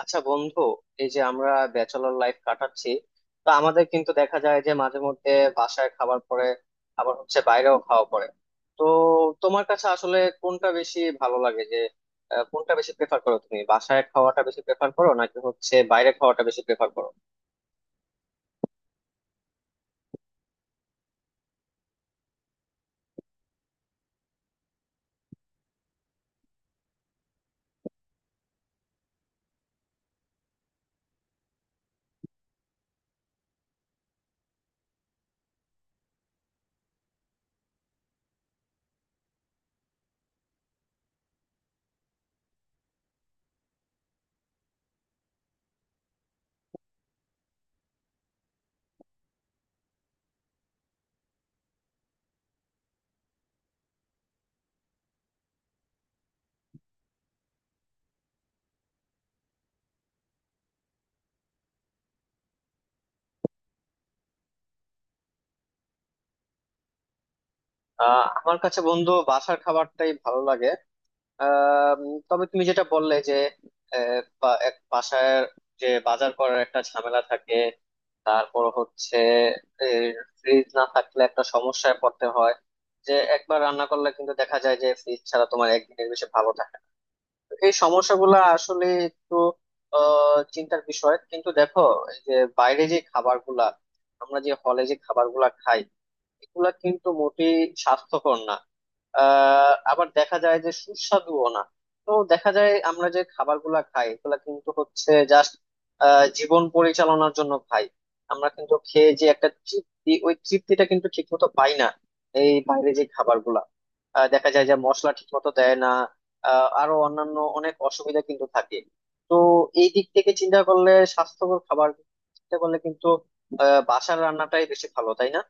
আচ্ছা বন্ধু, এই যে আমরা ব্যাচেলর লাইফ কাটাচ্ছি, তো আমাদের কিন্তু দেখা যায় যে মাঝে মধ্যে বাসায় খাবার পরে, আবার হচ্ছে বাইরেও খাওয়া পড়ে। তো তোমার কাছে আসলে কোনটা বেশি ভালো লাগে, যে কোনটা বেশি প্রেফার করো? তুমি বাসায় খাওয়াটা বেশি প্রেফার করো, নাকি হচ্ছে বাইরে খাওয়াটা বেশি প্রেফার করো? আমার কাছে বন্ধু, বাসার খাবারটাই ভালো লাগে। তবে তুমি যেটা বললে যে এক বাসায় যে বাজার করার একটা ঝামেলা থাকে, তারপর হচ্ছে ফ্রিজ না থাকলে একটা সমস্যায় পড়তে হয়। যে একবার রান্না করলে কিন্তু দেখা যায় যে ফ্রিজ ছাড়া তোমার একদিনের বেশি ভালো থাকে না। তো এই সমস্যাগুলো আসলে একটু চিন্তার বিষয়। কিন্তু দেখো, এই যে বাইরে যে খাবারগুলা, আমরা যে হলে যে খাবারগুলা খাই, এগুলা কিন্তু মোটেই স্বাস্থ্যকর না। আবার দেখা যায় যে সুস্বাদুও না। তো দেখা যায় আমরা যে খাবারগুলা খাই, এগুলা কিন্তু হচ্ছে জাস্ট জীবন পরিচালনার জন্য খাই। আমরা কিন্তু খেয়ে যে একটা তৃপ্তি, ওই তৃপ্তিটা কিন্তু ঠিক মতো পাই না। এই বাইরে যে খাবারগুলা, দেখা যায় যে মশলা ঠিক মতো দেয় না। আরো অন্যান্য অনেক অসুবিধা কিন্তু থাকে। তো এই দিক থেকে চিন্তা করলে, স্বাস্থ্যকর খাবার চিন্তা করলে কিন্তু বাসার রান্নাটাই বেশি ভালো, তাই না?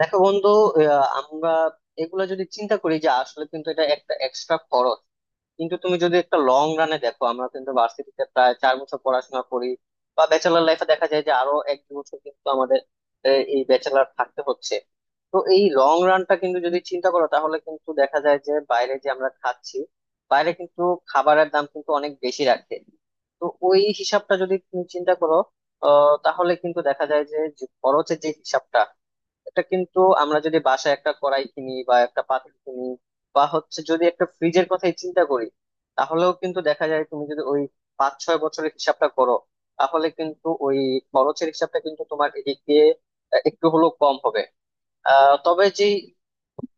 দেখো বন্ধু, আমরা এগুলা যদি চিন্তা করি, যে আসলে কিন্তু এটা একটা এক্সট্রা খরচ। কিন্তু তুমি যদি একটা লং রানে দেখো, আমরা কিন্তু ভার্সিটিতে প্রায় 4 বছর পড়াশোনা করি, বা ব্যাচেলার লাইফে দেখা যায় যে আরো 1-2 বছর কিন্তু আমাদের আহ, এই ব্যাচেলার থাকতে হচ্ছে। তো এই লং রানটা কিন্তু যদি চিন্তা করো, তাহলে কিন্তু দেখা যায় যে বাইরে যে আমরা খাচ্ছি, বাইরে কিন্তু খাবারের দাম কিন্তু অনেক বেশি রাখে। তো ওই হিসাবটা যদি তুমি চিন্তা করো, তাহলে কিন্তু দেখা যায় যে যে খরচের যে হিসাবটা, এটা কিন্তু আমরা যদি বাসায় একটা কড়াই কিনি বা একটা পাতিল কিনি, বা হচ্ছে যদি একটা ফ্রিজের কথাই চিন্তা করি, তাহলেও কিন্তু দেখা যায় তুমি যদি ওই 5-6 বছরের হিসাবটা করো, তাহলে কিন্তু ওই খরচের হিসাবটা কিন্তু তোমার এদিক দিয়ে একটু হলেও কম হবে। তবে যে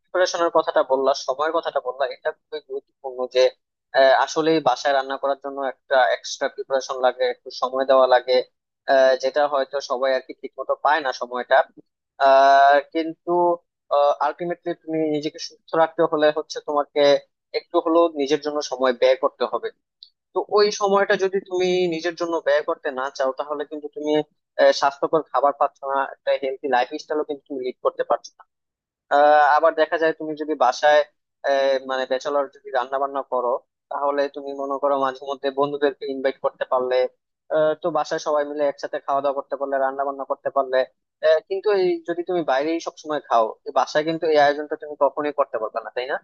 প্রিপারেশনের কথাটা বললা, সময়ের কথাটা বললা, এটা খুবই গুরুত্বপূর্ণ। যে আসলে বাসায় রান্না করার জন্য একটা এক্সট্রা প্রিপারেশন লাগে, একটু সময় দেওয়া লাগে, যেটা হয়তো সবাই আর কি ঠিক মতো পায় না, সময়টা। কিন্তু আলটিমেটলি তুমি নিজেকে সুস্থ রাখতে হলে হচ্ছে তোমাকে একটু হলেও নিজের জন্য সময় ব্যয় করতে হবে। তো ওই সময়টা যদি তুমি নিজের জন্য ব্যয় করতে না চাও, তাহলে কিন্তু তুমি স্বাস্থ্যকর খাবার পাচ্ছ না, একটা হেলদি লাইফ স্টাইলও কিন্তু তুমি লিড করতে পারছো না। আবার দেখা যায় তুমি যদি বাসায় মানে ব্যাচেলর যদি রান্না বান্না করো, তাহলে তুমি মনে করো মাঝে মধ্যে বন্ধুদেরকে ইনভাইট করতে পারলে, তো বাসায় সবাই মিলে একসাথে খাওয়া দাওয়া করতে পারলে, রান্না বান্না করতে পারলে। কিন্তু এই যদি তুমি বাইরেই সবসময় খাও, এই বাসায় কিন্তু এই আয়োজনটা তুমি কখনোই করতে পারবে না, তাই না?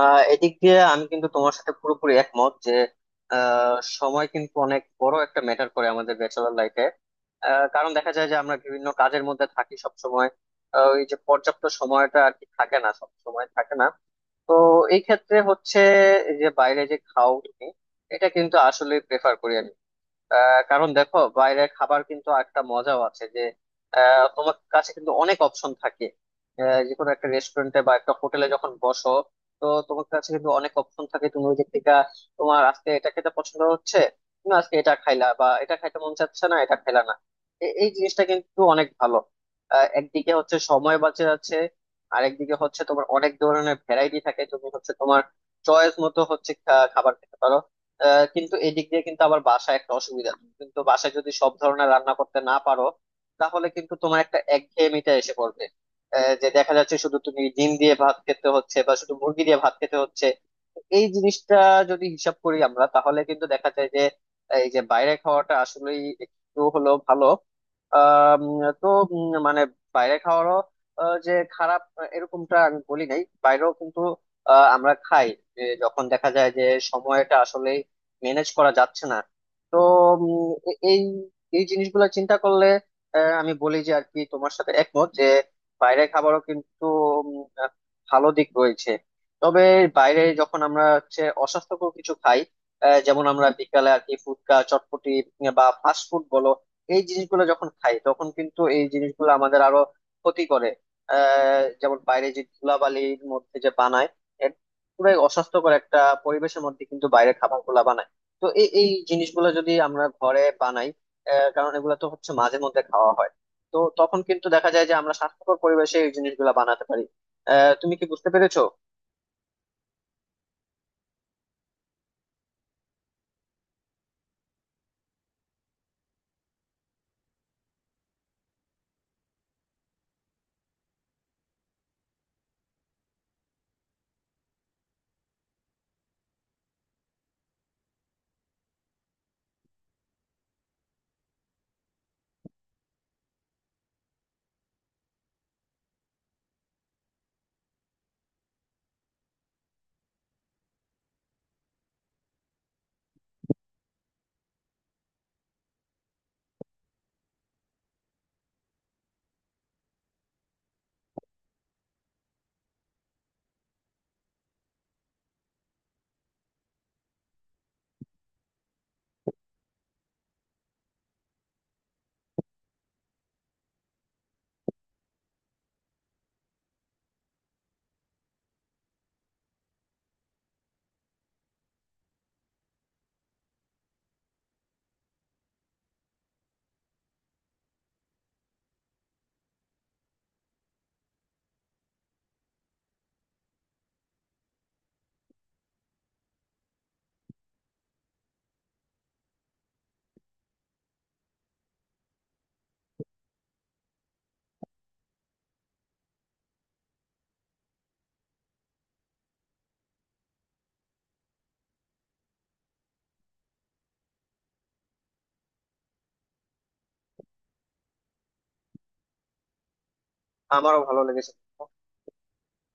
এদিক দিয়ে আমি কিন্তু তোমার সাথে পুরোপুরি একমত যে আহ, সময় কিন্তু অনেক বড় একটা ম্যাটার করে আমাদের ব্যাচেলর লাইফে। কারণ দেখা যায় যে আমরা বিভিন্ন কাজের মধ্যে থাকি সব সময়, ওই যে পর্যাপ্ত সময়টা আর কি থাকে না, সব সময় থাকে না। তো এই ক্ষেত্রে হচ্ছে, এই যে বাইরে যে খাও তুমি, এটা কিন্তু আসলে প্রেফার করি আমি। কারণ দেখো, বাইরের খাবার কিন্তু একটা মজাও আছে যে তোমার কাছে কিন্তু অনেক অপশন থাকে। যে কোনো একটা রেস্টুরেন্টে বা একটা হোটেলে যখন বসো, তো তোমার কাছে কিন্তু অনেক অপশন থাকে, তুমি ওই দিক থেকে তোমার আজকে এটা খেতে পছন্দ হচ্ছে, তুমি আজকে এটা খাইলা, বা এটা খাইতে মন চাচ্ছে না, এটা খাইলা না। এই জিনিসটা কিন্তু অনেক ভালো। একদিকে হচ্ছে সময় বাঁচে যাচ্ছে, আর একদিকে হচ্ছে তোমার অনেক ধরনের ভ্যারাইটি থাকে, তুমি হচ্ছে তোমার চয়েস মতো হচ্ছে খাবার খেতে পারো। কিন্তু এই দিক দিয়ে কিন্তু আবার বাসায় একটা অসুবিধা, তুমি কিন্তু বাসায় যদি সব ধরনের রান্না করতে না পারো, তাহলে কিন্তু তোমার একটা একঘেয়েমিটা এসে পড়বে। যে দেখা যাচ্ছে শুধু তুমি ডিম দিয়ে ভাত খেতে হচ্ছে, বা শুধু মুরগি দিয়ে ভাত খেতে হচ্ছে। এই জিনিসটা যদি হিসাব করি আমরা, তাহলে কিন্তু দেখা যায় যে এই যে বাইরে খাওয়াটা আসলেই একটু হলো ভালো। আম, তো মানে বাইরে খাওয়ারও যে খারাপ, এরকমটা আমি বলি নাই। বাইরেও কিন্তু আমরা খাই, যে যখন দেখা যায় যে সময়টা আসলে ম্যানেজ করা যাচ্ছে না। তো উম, এ- এই এই জিনিসগুলো চিন্তা করলে আমি বলি যে আর কি তোমার সাথে একমত যে বাইরের খাবারও কিন্তু উম, আহ, ভালো দিক রয়েছে। তবে বাইরে যখন আমরা হচ্ছে অস্বাস্থ্যকর কিছু খাই, যেমন আমরা বিকালে আর কি ফুচকা, চটপটি, বা ফাস্ট ফুড বলো, এই জিনিসগুলো যখন খাই, তখন কিন্তু এই জিনিসগুলো আমাদের আরো ক্ষতি করে। যেমন বাইরে যে ধুলাবালির মধ্যে যে বানায়, এর পুরাই অস্বাস্থ্যকর একটা পরিবেশের মধ্যে কিন্তু বাইরে খাবার গুলা বানায়। তো এই এই জিনিসগুলো যদি আমরা ঘরে বানাই, কারণ এগুলো তো হচ্ছে মাঝে মধ্যে খাওয়া হয়, তো তখন কিন্তু দেখা যায় যে আমরা স্বাস্থ্যকর পরিবেশে এই জিনিসগুলো বানাতে পারি। তুমি কি বুঝতে পেরেছো? আমারও ভালো লেগেছে।